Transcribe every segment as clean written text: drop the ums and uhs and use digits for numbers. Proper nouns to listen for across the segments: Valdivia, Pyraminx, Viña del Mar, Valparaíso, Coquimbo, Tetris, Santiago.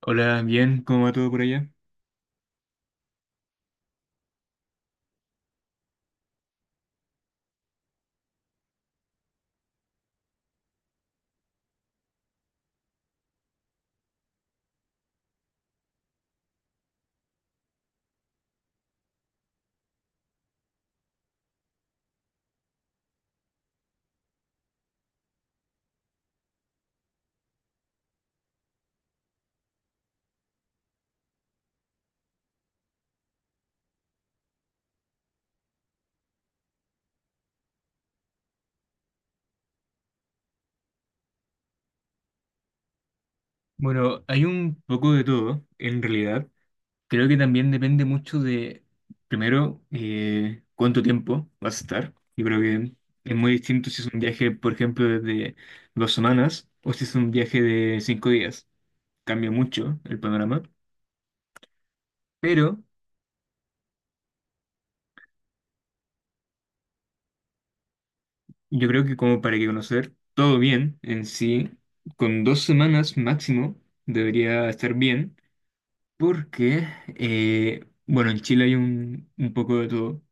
Hola, bien, ¿cómo va todo por allá? Bueno, hay un poco de todo, en realidad. Creo que también depende mucho de, primero, cuánto tiempo vas a estar. Yo creo que es muy distinto si es un viaje, por ejemplo, de 2 semanas o si es un viaje de 5 días. Cambia mucho el panorama. Pero yo creo que como para que conocer todo bien en sí, con 2 semanas máximo debería estar bien. Porque, bueno, en Chile hay un poco de todo.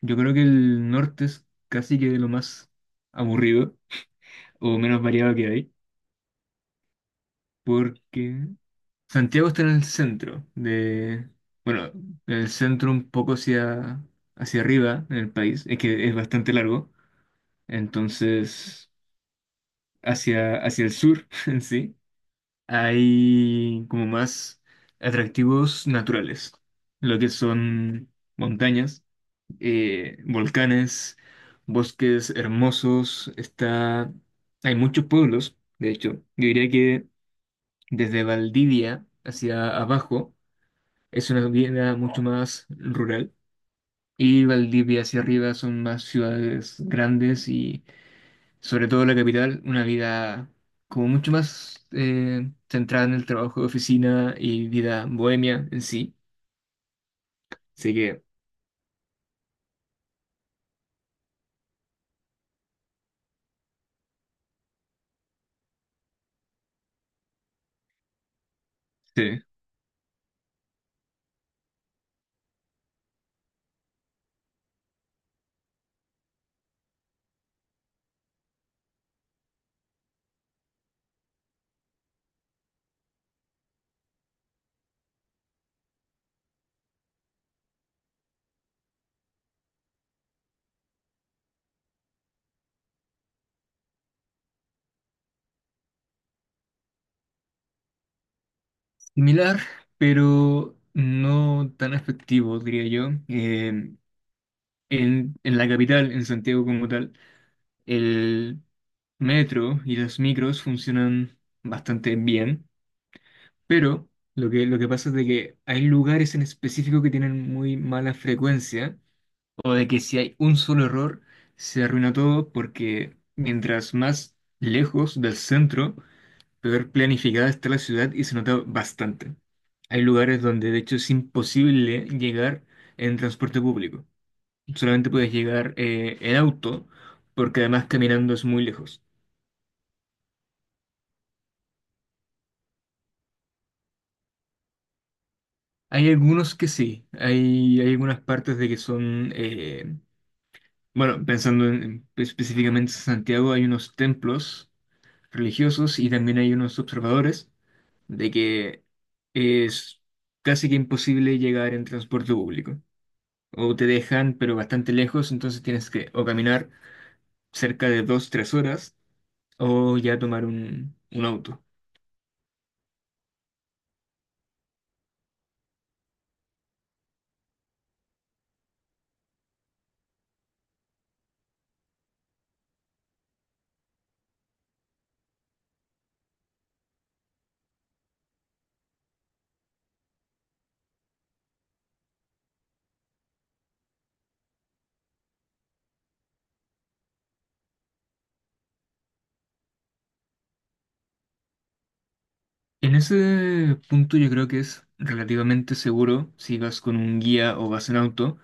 Yo creo que el norte es casi que lo más aburrido o menos variado que hay, porque Santiago está en el centro de, bueno, en el centro un poco hacia, hacia arriba en el país, es que es bastante largo, entonces hacia, hacia el sur en sí hay como más atractivos naturales, lo que son montañas volcanes, bosques hermosos, está... Hay muchos pueblos, de hecho. Yo diría que desde Valdivia hacia abajo es una vida mucho más rural y Valdivia hacia arriba son más ciudades grandes y sobre todo la capital, una vida como mucho más centrada en el trabajo de oficina y vida bohemia en sí. Así que... sí. Similar, pero no tan efectivo, diría yo. En la capital, en Santiago como tal, el metro y los micros funcionan bastante bien, pero lo que pasa es de que hay lugares en específico que tienen muy mala frecuencia, o de que si hay un solo error, se arruina todo porque mientras más lejos del centro, peor planificada está la ciudad y se nota bastante. Hay lugares donde de hecho es imposible llegar en transporte público. Solamente puedes llegar en auto porque además caminando es muy lejos. Hay algunos que sí, hay algunas partes de que son, bueno, pensando pues, específicamente en Santiago, hay unos templos religiosos y también hay unos observadores de que es casi que imposible llegar en transporte público, o te dejan, pero bastante lejos, entonces tienes que o caminar cerca de 2, 3 horas o ya tomar un auto. En ese punto yo creo que es relativamente seguro si vas con un guía o vas en auto.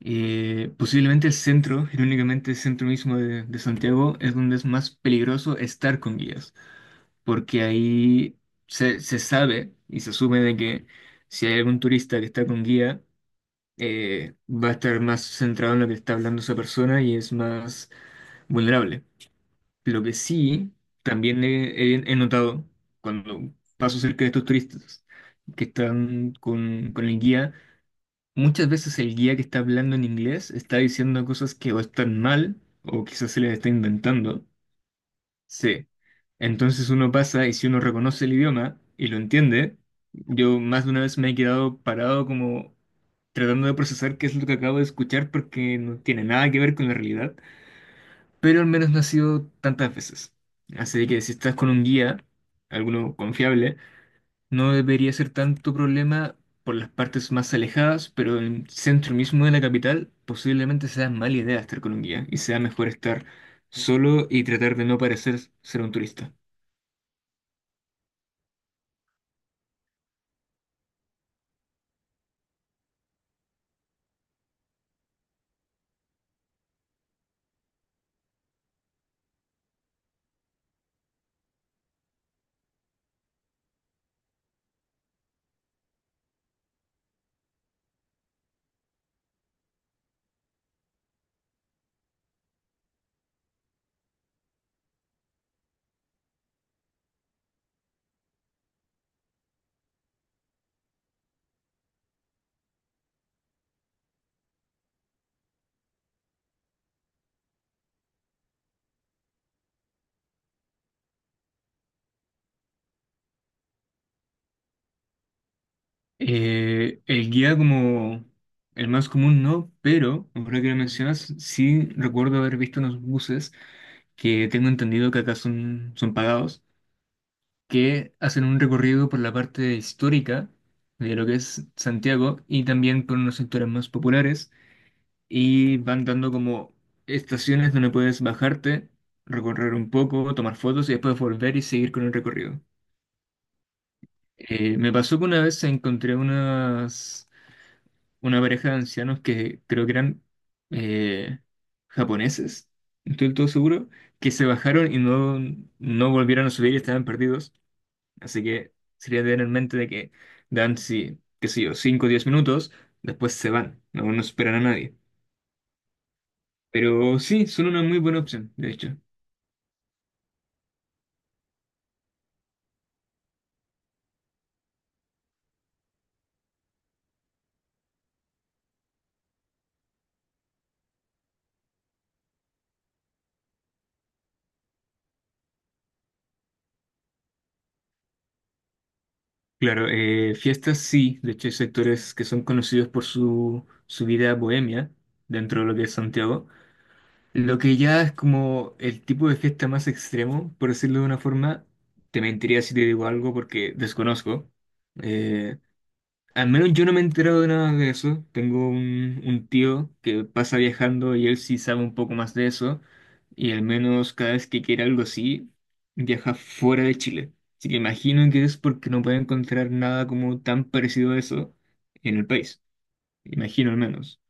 Posiblemente el centro, irónicamente el centro mismo de Santiago, es donde es más peligroso estar con guías, porque ahí se, se sabe y se asume de que si hay algún turista que está con guía, va a estar más centrado en lo que está hablando esa persona y es más vulnerable. Lo que sí, también he notado cuando paso cerca de estos turistas que están con el guía, muchas veces el guía que está hablando en inglés está diciendo cosas que o están mal o quizás se les está inventando. Sí. Entonces uno pasa y si uno reconoce el idioma y lo entiende, yo más de una vez me he quedado parado como tratando de procesar qué es lo que acabo de escuchar porque no tiene nada que ver con la realidad, pero al menos no ha sido tantas veces. Así que si estás con un guía, alguno confiable, no debería ser tanto problema por las partes más alejadas, pero en el centro mismo de la capital posiblemente sea mala idea estar con un guía y sea mejor estar solo y tratar de no parecer ser un turista. El guía como el más común no, pero ahora que lo mencionas, sí recuerdo haber visto unos buses que tengo entendido que acá son pagados, que hacen un recorrido por la parte histórica de lo que es Santiago y también por unos sectores más populares y van dando como estaciones donde puedes bajarte, recorrer un poco, tomar fotos y después volver y seguir con el recorrido. Me pasó que una vez encontré una pareja de ancianos que creo que eran eh, japoneses, no estoy del todo seguro, que se bajaron y no volvieron a subir y estaban perdidos. Así que sería tener en mente de que dan, sí, qué sé yo, 5 o 10 minutos, después se van, no esperan a nadie. Pero sí, son una muy buena opción, de hecho. Claro, fiestas sí, de hecho hay sectores que son conocidos por su, su vida bohemia dentro de lo que es Santiago. Lo que ya es como el tipo de fiesta más extremo, por decirlo de una forma, te mentiría si te digo algo porque desconozco. Eh, Al menos yo no me he enterado de nada de eso. Tengo un tío que pasa viajando y él sí sabe un poco más de eso. Y al menos cada vez que quiere algo así, viaja fuera de Chile. Así que imagino que es porque no puede encontrar nada como tan parecido a eso en el país. Imagino al menos.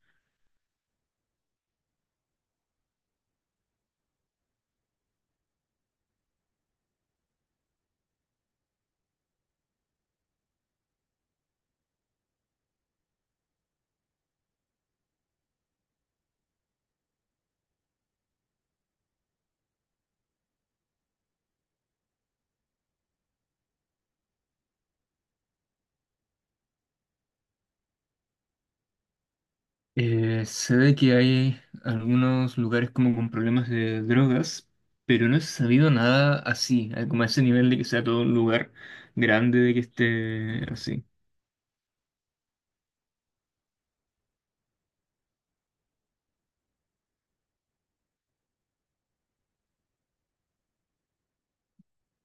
Se ve que hay algunos lugares como con problemas de drogas, pero no he sabido nada así, como a ese nivel de que sea todo un lugar grande de que esté así.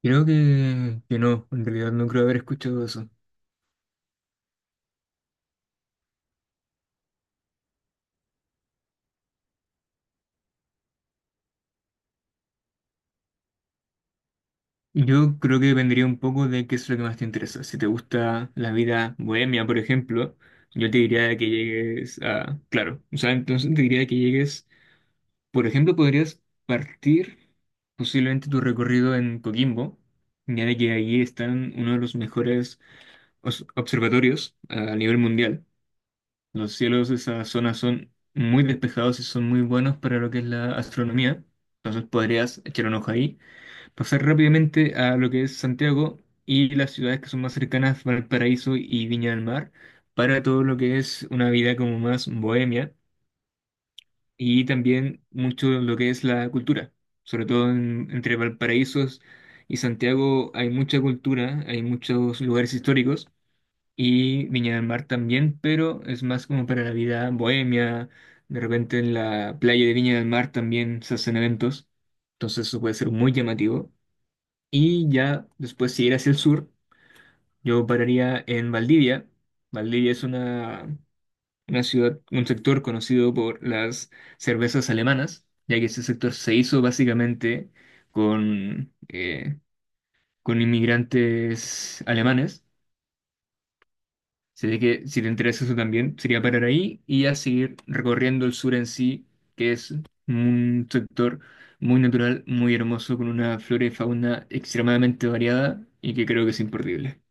Creo que no, en realidad no creo haber escuchado eso. Yo creo que dependería un poco de qué es lo que más te interesa. Si te gusta la vida bohemia, por ejemplo, yo te diría que llegues a... Claro, o sea, entonces te diría que llegues. Por ejemplo, podrías partir posiblemente tu recorrido en Coquimbo, ya de que ahí están uno de los mejores observatorios a nivel mundial. Los cielos de esa zona son muy despejados y son muy buenos para lo que es la astronomía. Entonces podrías echar un ojo ahí, pasar rápidamente a lo que es Santiago y las ciudades que son más cercanas, Valparaíso y Viña del Mar, para todo lo que es una vida como más bohemia y también mucho lo que es la cultura, sobre todo entre Valparaíso y Santiago hay mucha cultura, hay muchos lugares históricos y Viña del Mar también, pero es más como para la vida bohemia, de repente en la playa de Viña del Mar también se hacen eventos, entonces eso puede ser muy llamativo. Y ya después si ir hacia el sur, yo pararía en Valdivia. Valdivia es una ciudad, un sector conocido por las cervezas alemanas, ya que ese sector se hizo básicamente con, eh, con inmigrantes alemanes. Así de que si te interesa eso también, sería parar ahí y ya seguir recorriendo el sur en sí, que es un sector muy natural, muy hermoso, con una flora y fauna extremadamente variada y que creo que es imperdible.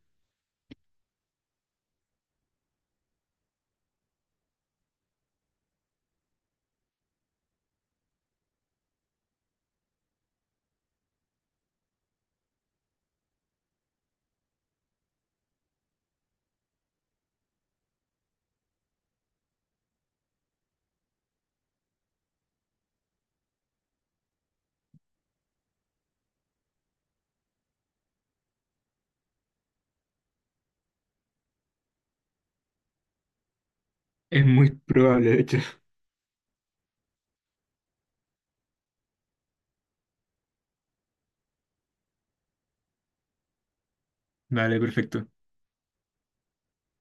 Es muy probable, de hecho. Vale, perfecto.